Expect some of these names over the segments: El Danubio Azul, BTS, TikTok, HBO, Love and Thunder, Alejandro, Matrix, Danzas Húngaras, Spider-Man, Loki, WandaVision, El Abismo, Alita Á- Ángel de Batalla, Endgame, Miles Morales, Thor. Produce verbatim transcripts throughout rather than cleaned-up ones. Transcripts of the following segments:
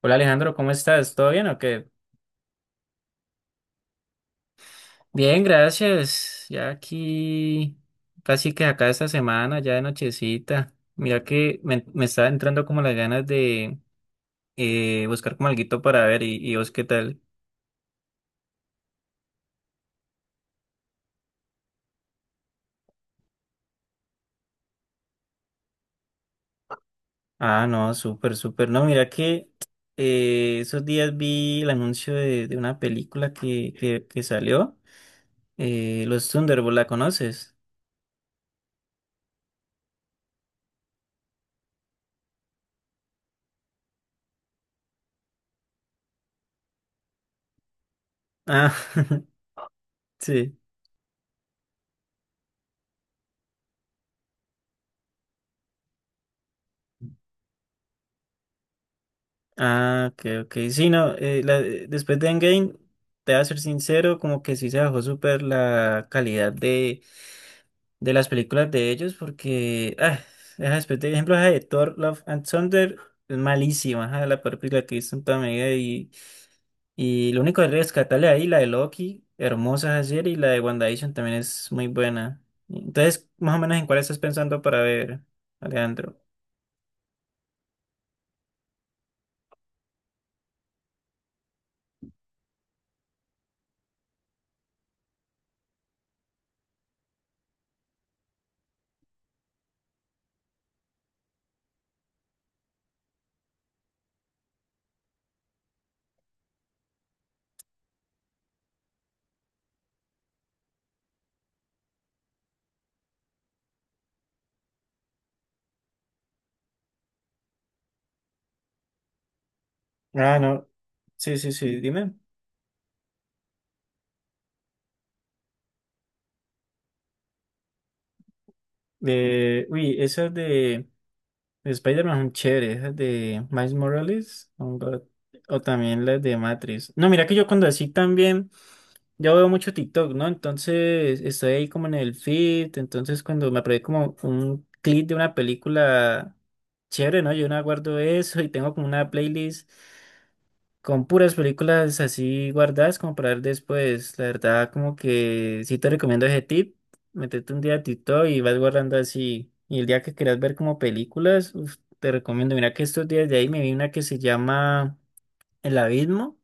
Hola Alejandro, ¿cómo estás? ¿Todo bien o qué? Bien, gracias. Ya aquí, casi que acá esta semana, ya de nochecita. Mira que me, me está entrando como las ganas de eh, buscar como alguito para ver, y, y vos qué tal. Ah, no, súper, súper. No, mira que eh, esos días vi el anuncio de, de una película que, que, que salió, eh, Los Thunderbolts, ¿la conoces? Ah, Sí. Ah, ok, ok. Sí, no, eh, la- eh, después de Endgame, te voy a ser sincero, como que sí se bajó súper la calidad de, de las películas de ellos, porque, ah, esa después de ejemplo, ajá, de Thor, Love and Thunder, es malísima, ajá, la peor película que he visto en toda mi vida, y y lo único que rescatarle ahí, la de Loki, hermosa esa serie, y la de WandaVision también es muy buena. Entonces, más o menos, ¿en cuál estás pensando para ver, Alejandro? Ah, no. Sí, sí, sí, dime. De, uy, esas de Spider-Man son chéveres, esas de Miles Morales son God, o también las de Matrix. No, mira que yo cuando así también, yo veo mucho TikTok, ¿no? Entonces estoy ahí como en el feed, entonces cuando me aparece como un clip de una película chévere, ¿no? Yo no guardo eso y tengo como una playlist con puras películas así guardadas como para ver después. La verdad, como que sí te recomiendo ese tip. Métete un día a TikTok y vas guardando así. Y el día que quieras ver como películas, uf, te recomiendo. Mira que estos días de ahí me vi una que se llama El Abismo.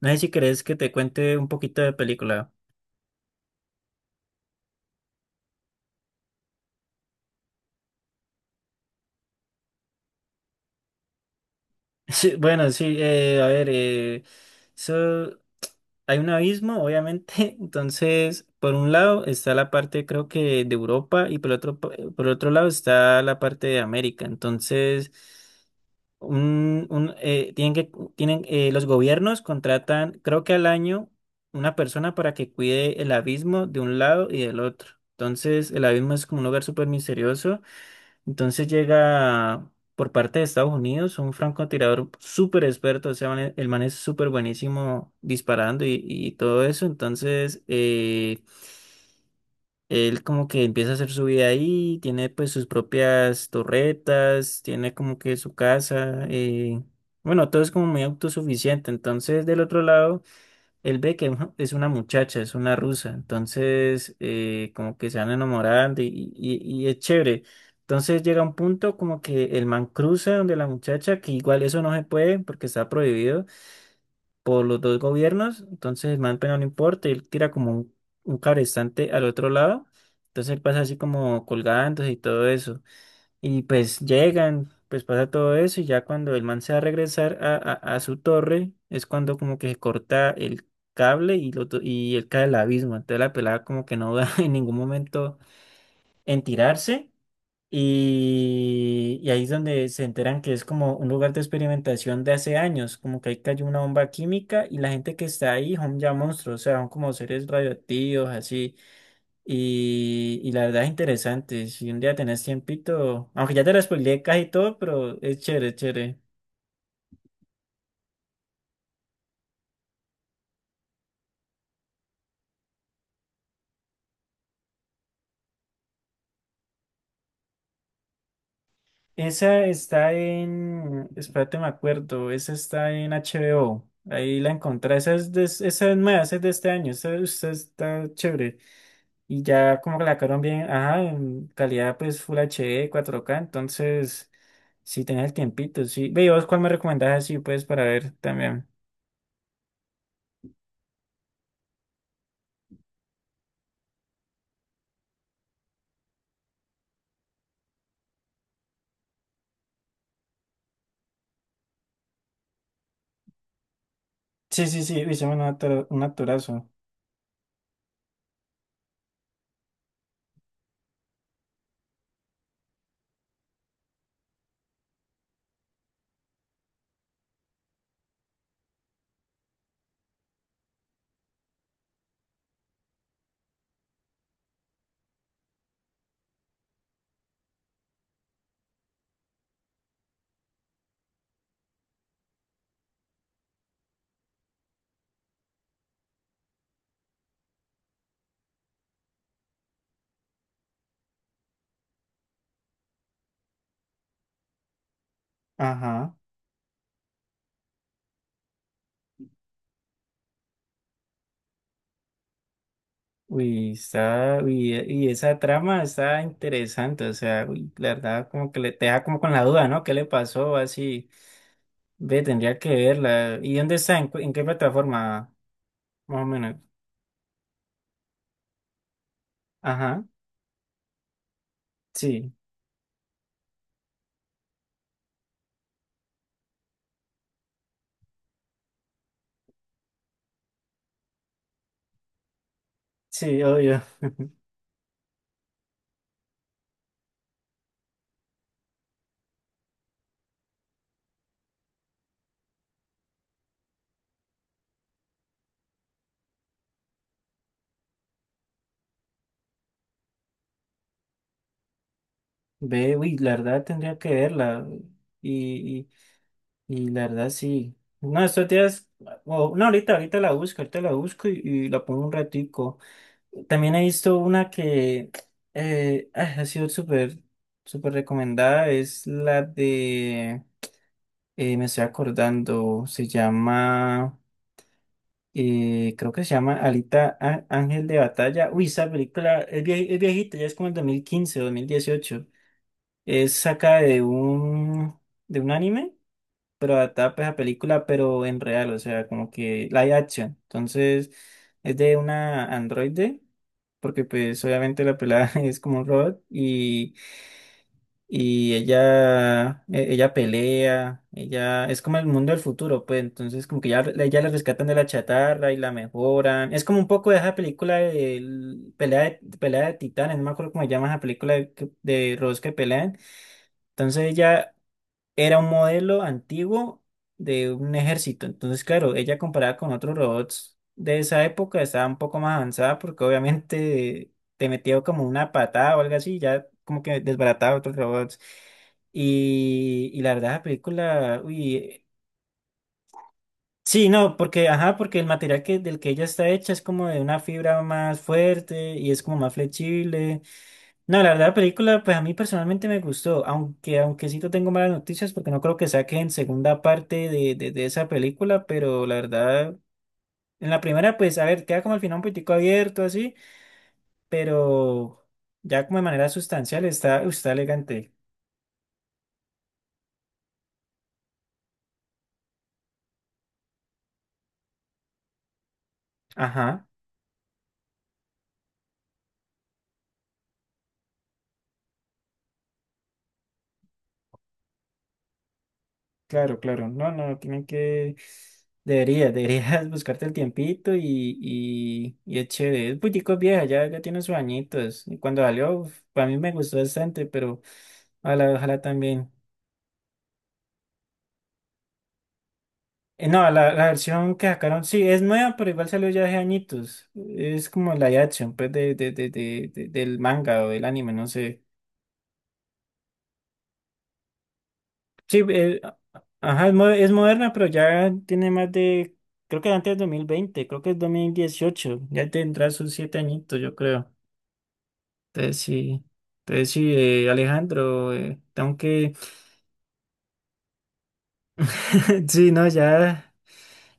No sé si querés que te cuente un poquito de película. Sí, bueno, sí, eh, a ver, eh, eso, hay un abismo, obviamente, entonces, por un lado está la parte, creo que, de Europa, y por otro, pa- por otro lado está la parte de América. Entonces, un, un, eh, tienen que, tienen, eh, los gobiernos contratan, creo que al año, una persona para que cuide el abismo de un lado y del otro. Entonces, el abismo es como un lugar súper misterioso. Entonces llega por parte de Estados Unidos un francotirador súper experto, o sea, man- el man es súper buenísimo disparando, y, y todo eso. Entonces, eh, él como que empieza a hacer su vida ahí, tiene pues sus propias torretas, tiene como que su casa, eh, bueno, todo es como muy autosuficiente. Entonces, del otro lado, El Beckham, ¿no? Es una muchacha, es una rusa. Entonces eh, como que se van enamorando, y, y- y es chévere. Entonces llega un punto como que el man cruza donde la muchacha, que igual eso no se puede porque está prohibido por los dos gobiernos. Entonces el man pero no importa, él tira como un, un cabrestante al otro lado, entonces él pasa así como colgándose y todo eso. Y pues llegan, pues pasa todo eso, y ya cuando el man se va a regresar a, a, a su torre es cuando como que se corta el cable, y, lo, to- y él cae al abismo. Entonces la pelada como que no da en ningún momento en tirarse, y, y ahí es donde se enteran que es como un lugar de experimentación de hace años, como que ahí cayó una bomba química y la gente que está ahí son ya monstruos, o sea, son como seres radioactivos así. Y, y la verdad es interesante. Si un día tenés tiempito, aunque ya te lo spoileé casi todo, pero es chévere, es chévere. Esa está en, espérate, me acuerdo. Esa está en H B O. Ahí la encontré. Esa es, de, esa es nueva, esa es de este año. Esa, esa está chévere. Y ya como que la sacaron bien. Ajá, en calidad pues Full H D, cuatro k. Entonces, si tenés el tiempito, sí. Ve, ¿y vos cuál me recomendás así, pues, para ver también? Sí, sí, sí. Hicimos un actor- un actorazo. Ajá. Uy, está, uy, e- y esa trama está interesante, o sea, uy, la verdad como que le te deja como con la duda, ¿no? ¿Qué le pasó? Así, ve, tendría que verla. ¿Y dónde está? ¿En, cu- en qué plataforma? Más o menos. Ajá, sí, sí, obvio. Ve, uy, la verdad tendría que verla. Y, y, y la verdad sí. No, estos días, o- no, ahorita, ahorita la busco, ahorita la busco, y, y la pongo un ratico. También he visto una que eh, ah, ha sido súper, súper recomendada. Es la de, eh, me estoy acordando, se llama, eh, creo que se llama Alita, Á- Ángel de Batalla. Uy, esa película es, vie- es viejita, ya es como el dos dos mil quince, dos mil dieciocho. Es saca de un, de un anime, pero adaptada pues a película, pero en real, o sea, como que live action. Entonces, es de una androide porque pues obviamente la pelada es como un robot, y, y ella, e- ella pelea, ella es como el mundo del futuro, pues entonces como que ya, la- ya la rescatan de la chatarra y la mejoran. Es como un poco de esa película de el- pelea de, pelea de titanes, no me acuerdo cómo se llama esa película de, que- de robots que pelean. Entonces ella era un modelo antiguo de un ejército. Entonces, claro, ella comparada con otros robots de esa época estaba un poco más avanzada porque obviamente te metía como una patada o algo así, ya como que desbarataba a otros robots. Y, y la verdad, la película, uy, sí, no, porque, ajá, porque el material que, del que ella está hecha es como de una fibra más fuerte y es como más flexible. No, la verdad, la película, pues a mí personalmente me gustó, aunque, aunque sí te tengo malas noticias porque no creo que saquen segunda parte de, de, de esa película, pero la verdad, en la primera, pues a ver, queda como al final un poquitico abierto así, pero ya como de manera sustancial está, uh, está elegante. Ajá, claro, claro, no, no, tienen que, deberías, deberías buscarte el tiempito, y, y, y es chévere, es un poquitico vieja, ya, ya, tiene sus añitos, y cuando salió, uf, para mí me gustó bastante, pero ojalá, ojalá también. Eh, No, la, la versión que sacaron, sí, es nueva, pero igual salió ya hace añitos. Es como la live action, pues, de, de, de, de- de- del manga o del anime, no sé. Sí, eh, ajá, es, mo- es moderna, pero ya tiene más de, creo que antes de dos mil veinte, creo que es dos mil dieciocho, ya tendrá sus siete añitos, yo creo. Entonces sí, entonces sí, eh, Alejandro, eh, tengo que, sí, no, ya.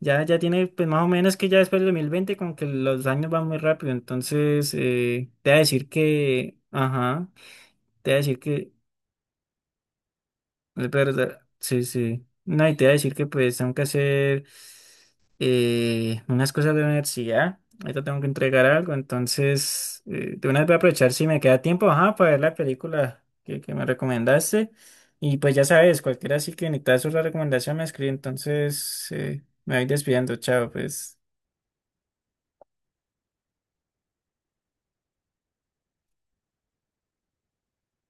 Ya, ya tiene, pues más o menos que ya después del dos mil veinte como que los años van muy rápido. Entonces, eh, te voy a decir que, ajá, te voy a decir que, es verdad, sí, sí. No, y te voy a decir que pues tengo que hacer eh, unas cosas de la universidad. Ahorita tengo que entregar algo, entonces, eh, de una vez voy a aprovechar si me queda tiempo, ajá, para ver la película que, que me recomendaste. Y pues ya sabes, cualquiera así que necesitas una recomendación me escribe, entonces, eh, me voy despidiendo, chao, pues.